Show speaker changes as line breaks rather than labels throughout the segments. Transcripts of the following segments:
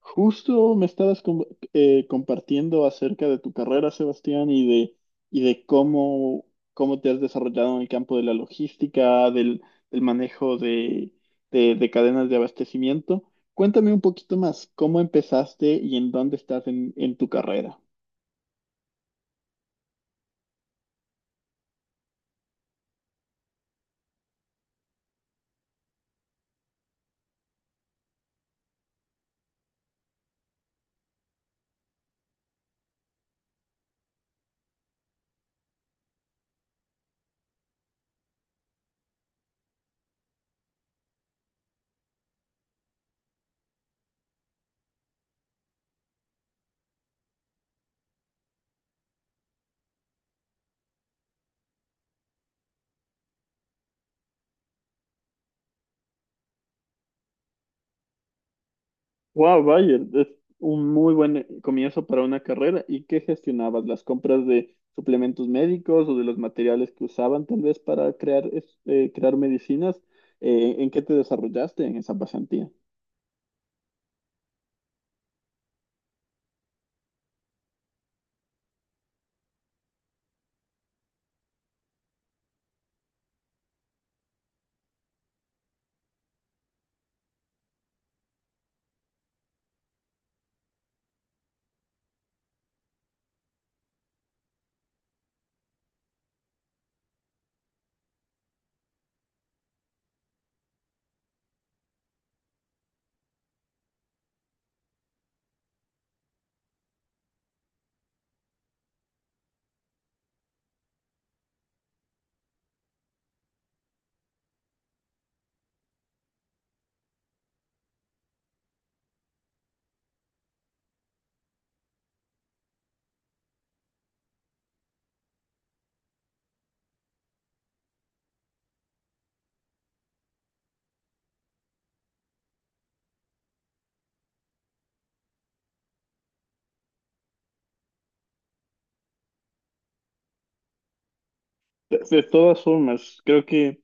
Justo me estabas com- Compartiendo acerca de tu carrera, Sebastián, y de cómo, cómo te has desarrollado en el campo de la logística, del manejo de cadenas de abastecimiento. Cuéntame un poquito más, ¿cómo empezaste y en dónde estás en tu carrera? Wow, vaya, es un muy buen comienzo para una carrera. ¿Y qué gestionabas? ¿Las compras de suplementos médicos o de los materiales que usaban tal vez para crear, crear medicinas? ¿En qué te desarrollaste en esa pasantía? De todas formas, creo que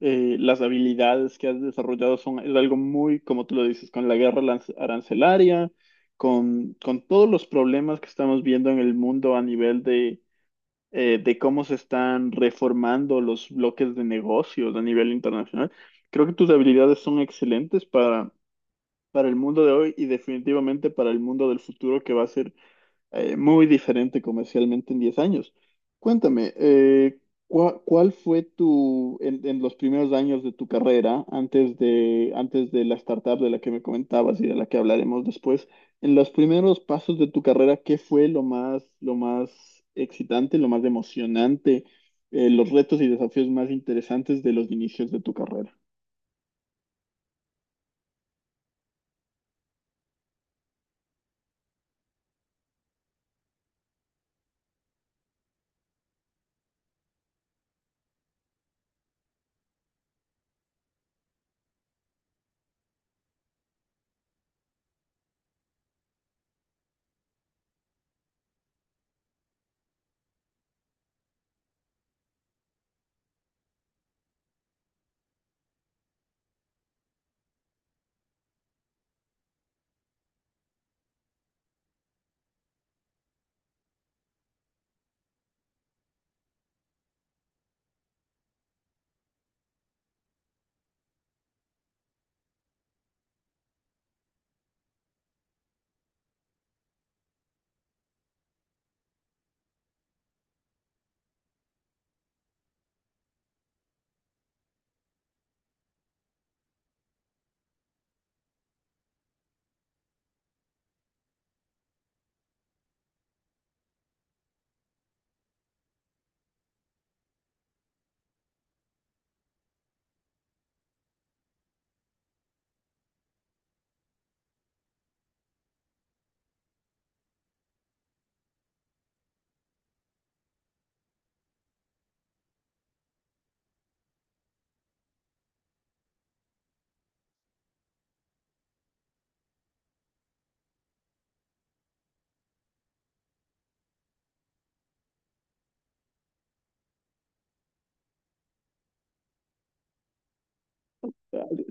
las habilidades que has desarrollado son es algo muy, como tú lo dices, con la arancelaria, con todos los problemas que estamos viendo en el mundo a nivel de cómo se están reformando los bloques de negocios a nivel internacional. Creo que tus habilidades son excelentes para el mundo de hoy y definitivamente para el mundo del futuro que va a ser muy diferente comercialmente en 10 años. Cuéntame, ¿cuál fue tu, en los primeros años de tu carrera, antes de la startup de la que me comentabas y de la que hablaremos después, en los primeros pasos de tu carrera, ¿qué fue lo más excitante, lo más emocionante, los retos y desafíos más interesantes de los inicios de tu carrera?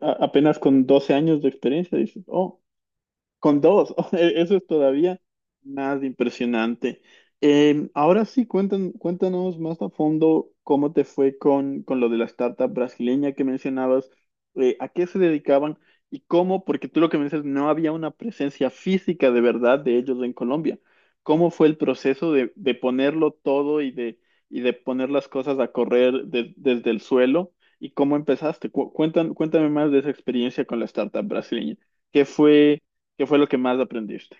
A- Apenas con 12 años de experiencia, dices, oh. Con dos, eso es todavía más impresionante. Ahora sí, cuéntanos más a fondo cómo te fue con lo de la startup brasileña que mencionabas, a qué se dedicaban y cómo, porque tú lo que me dices, no había una presencia física de verdad de ellos en Colombia. ¿Cómo fue el proceso de ponerlo todo y de poner las cosas a correr desde el suelo? ¿Y cómo empezaste? Cuéntame más de esa experiencia con la startup brasileña. ¿Qué fue? ¿Qué fue lo que más aprendiste?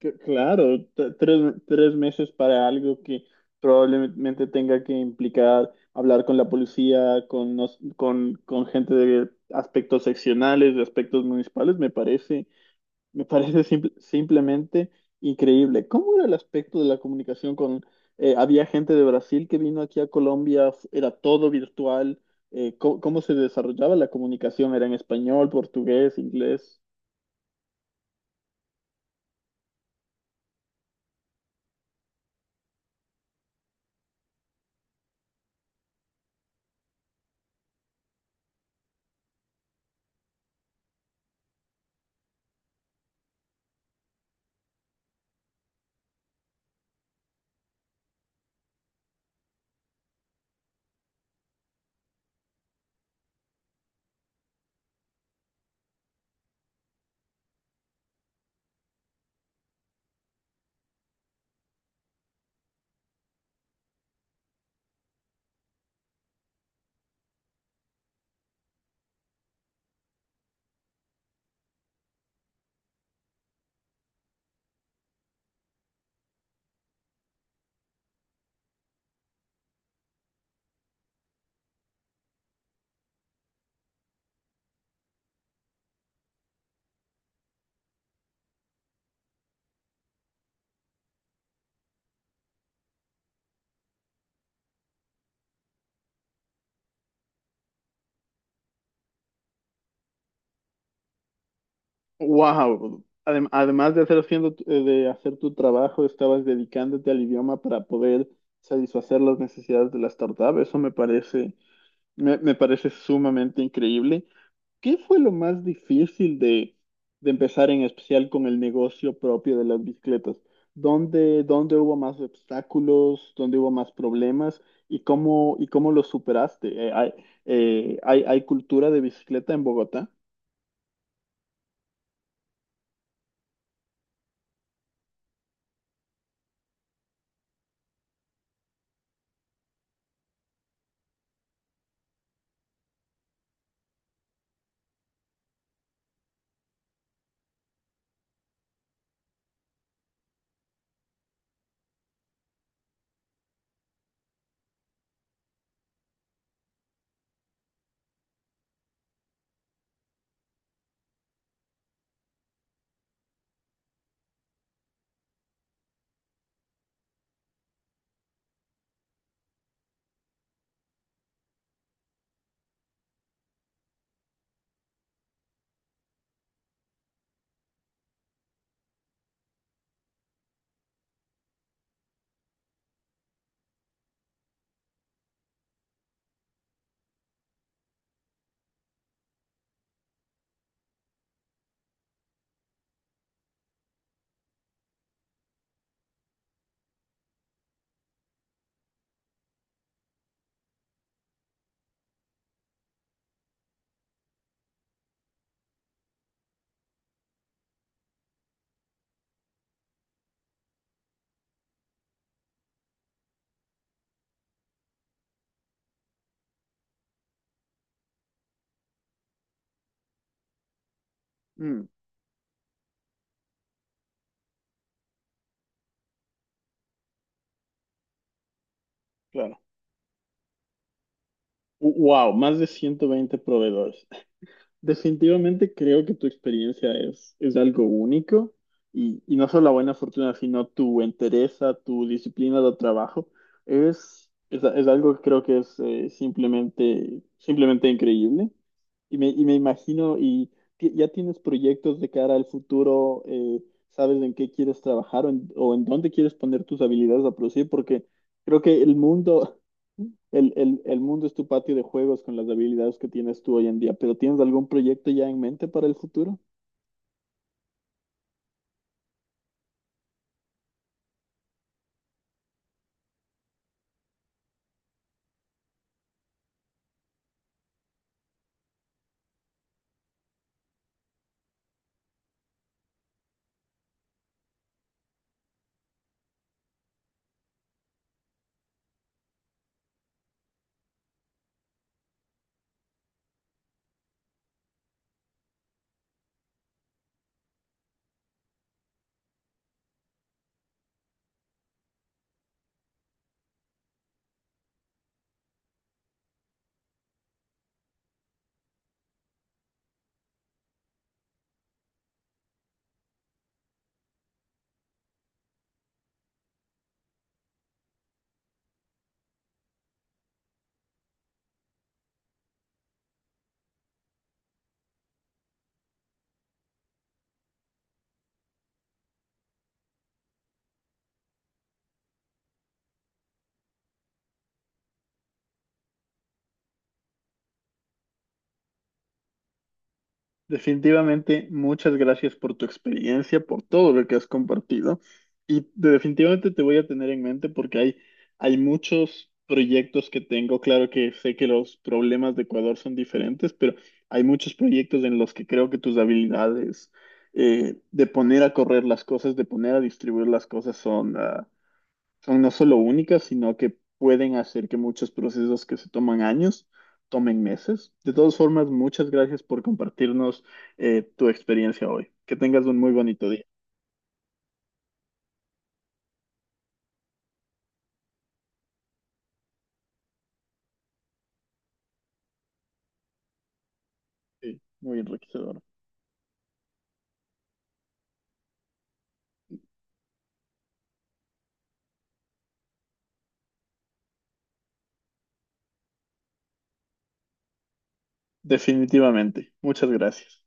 Claro, tres meses para algo que probablemente tenga que implicar hablar con la policía, con gente de aspectos seccionales, de aspectos municipales, me parece simplemente increíble. ¿Cómo era el aspecto de la comunicación con… había gente de Brasil que vino aquí a Colombia, era todo virtual. ¿ cómo se desarrollaba la comunicación? ¿Era en español, portugués, inglés? Wow. Además de hacer, de hacer tu trabajo, estabas dedicándote al idioma para poder satisfacer las necesidades de la startup. Eso me parece, me parece sumamente increíble. ¿Qué fue lo más difícil de empezar en especial con el negocio propio de las bicicletas? ¿Dónde hubo más obstáculos? ¿Dónde hubo más problemas? ¿Y cómo los superaste? ¿ hay cultura de bicicleta en Bogotá? Mm, claro. Wow, más de 120 proveedores. Definitivamente creo que tu experiencia es algo único y no solo la buena fortuna, sino tu entereza, tu disciplina de trabajo. Es algo que creo que es simplemente, simplemente increíble. Y me imagino, y ya tienes proyectos de cara al futuro. ¿Sabes en qué quieres trabajar o en dónde quieres poner tus habilidades a producir? Porque creo que el mundo, el mundo es tu patio de juegos con las habilidades que tienes tú hoy en día, pero ¿tienes algún proyecto ya en mente para el futuro? Definitivamente, muchas gracias por tu experiencia, por todo lo que has compartido. Y definitivamente te voy a tener en mente porque hay muchos proyectos que tengo. Claro que sé que los problemas de Ecuador son diferentes, pero hay muchos proyectos en los que creo que tus habilidades de poner a correr las cosas, de poner a distribuir las cosas son, ah, son no solo únicas, sino que pueden hacer que muchos procesos que se toman años tomen meses. De todas formas, muchas gracias por compartirnos tu experiencia hoy. Que tengas un muy bonito día. Sí, muy enriquecedor. Definitivamente. Muchas gracias.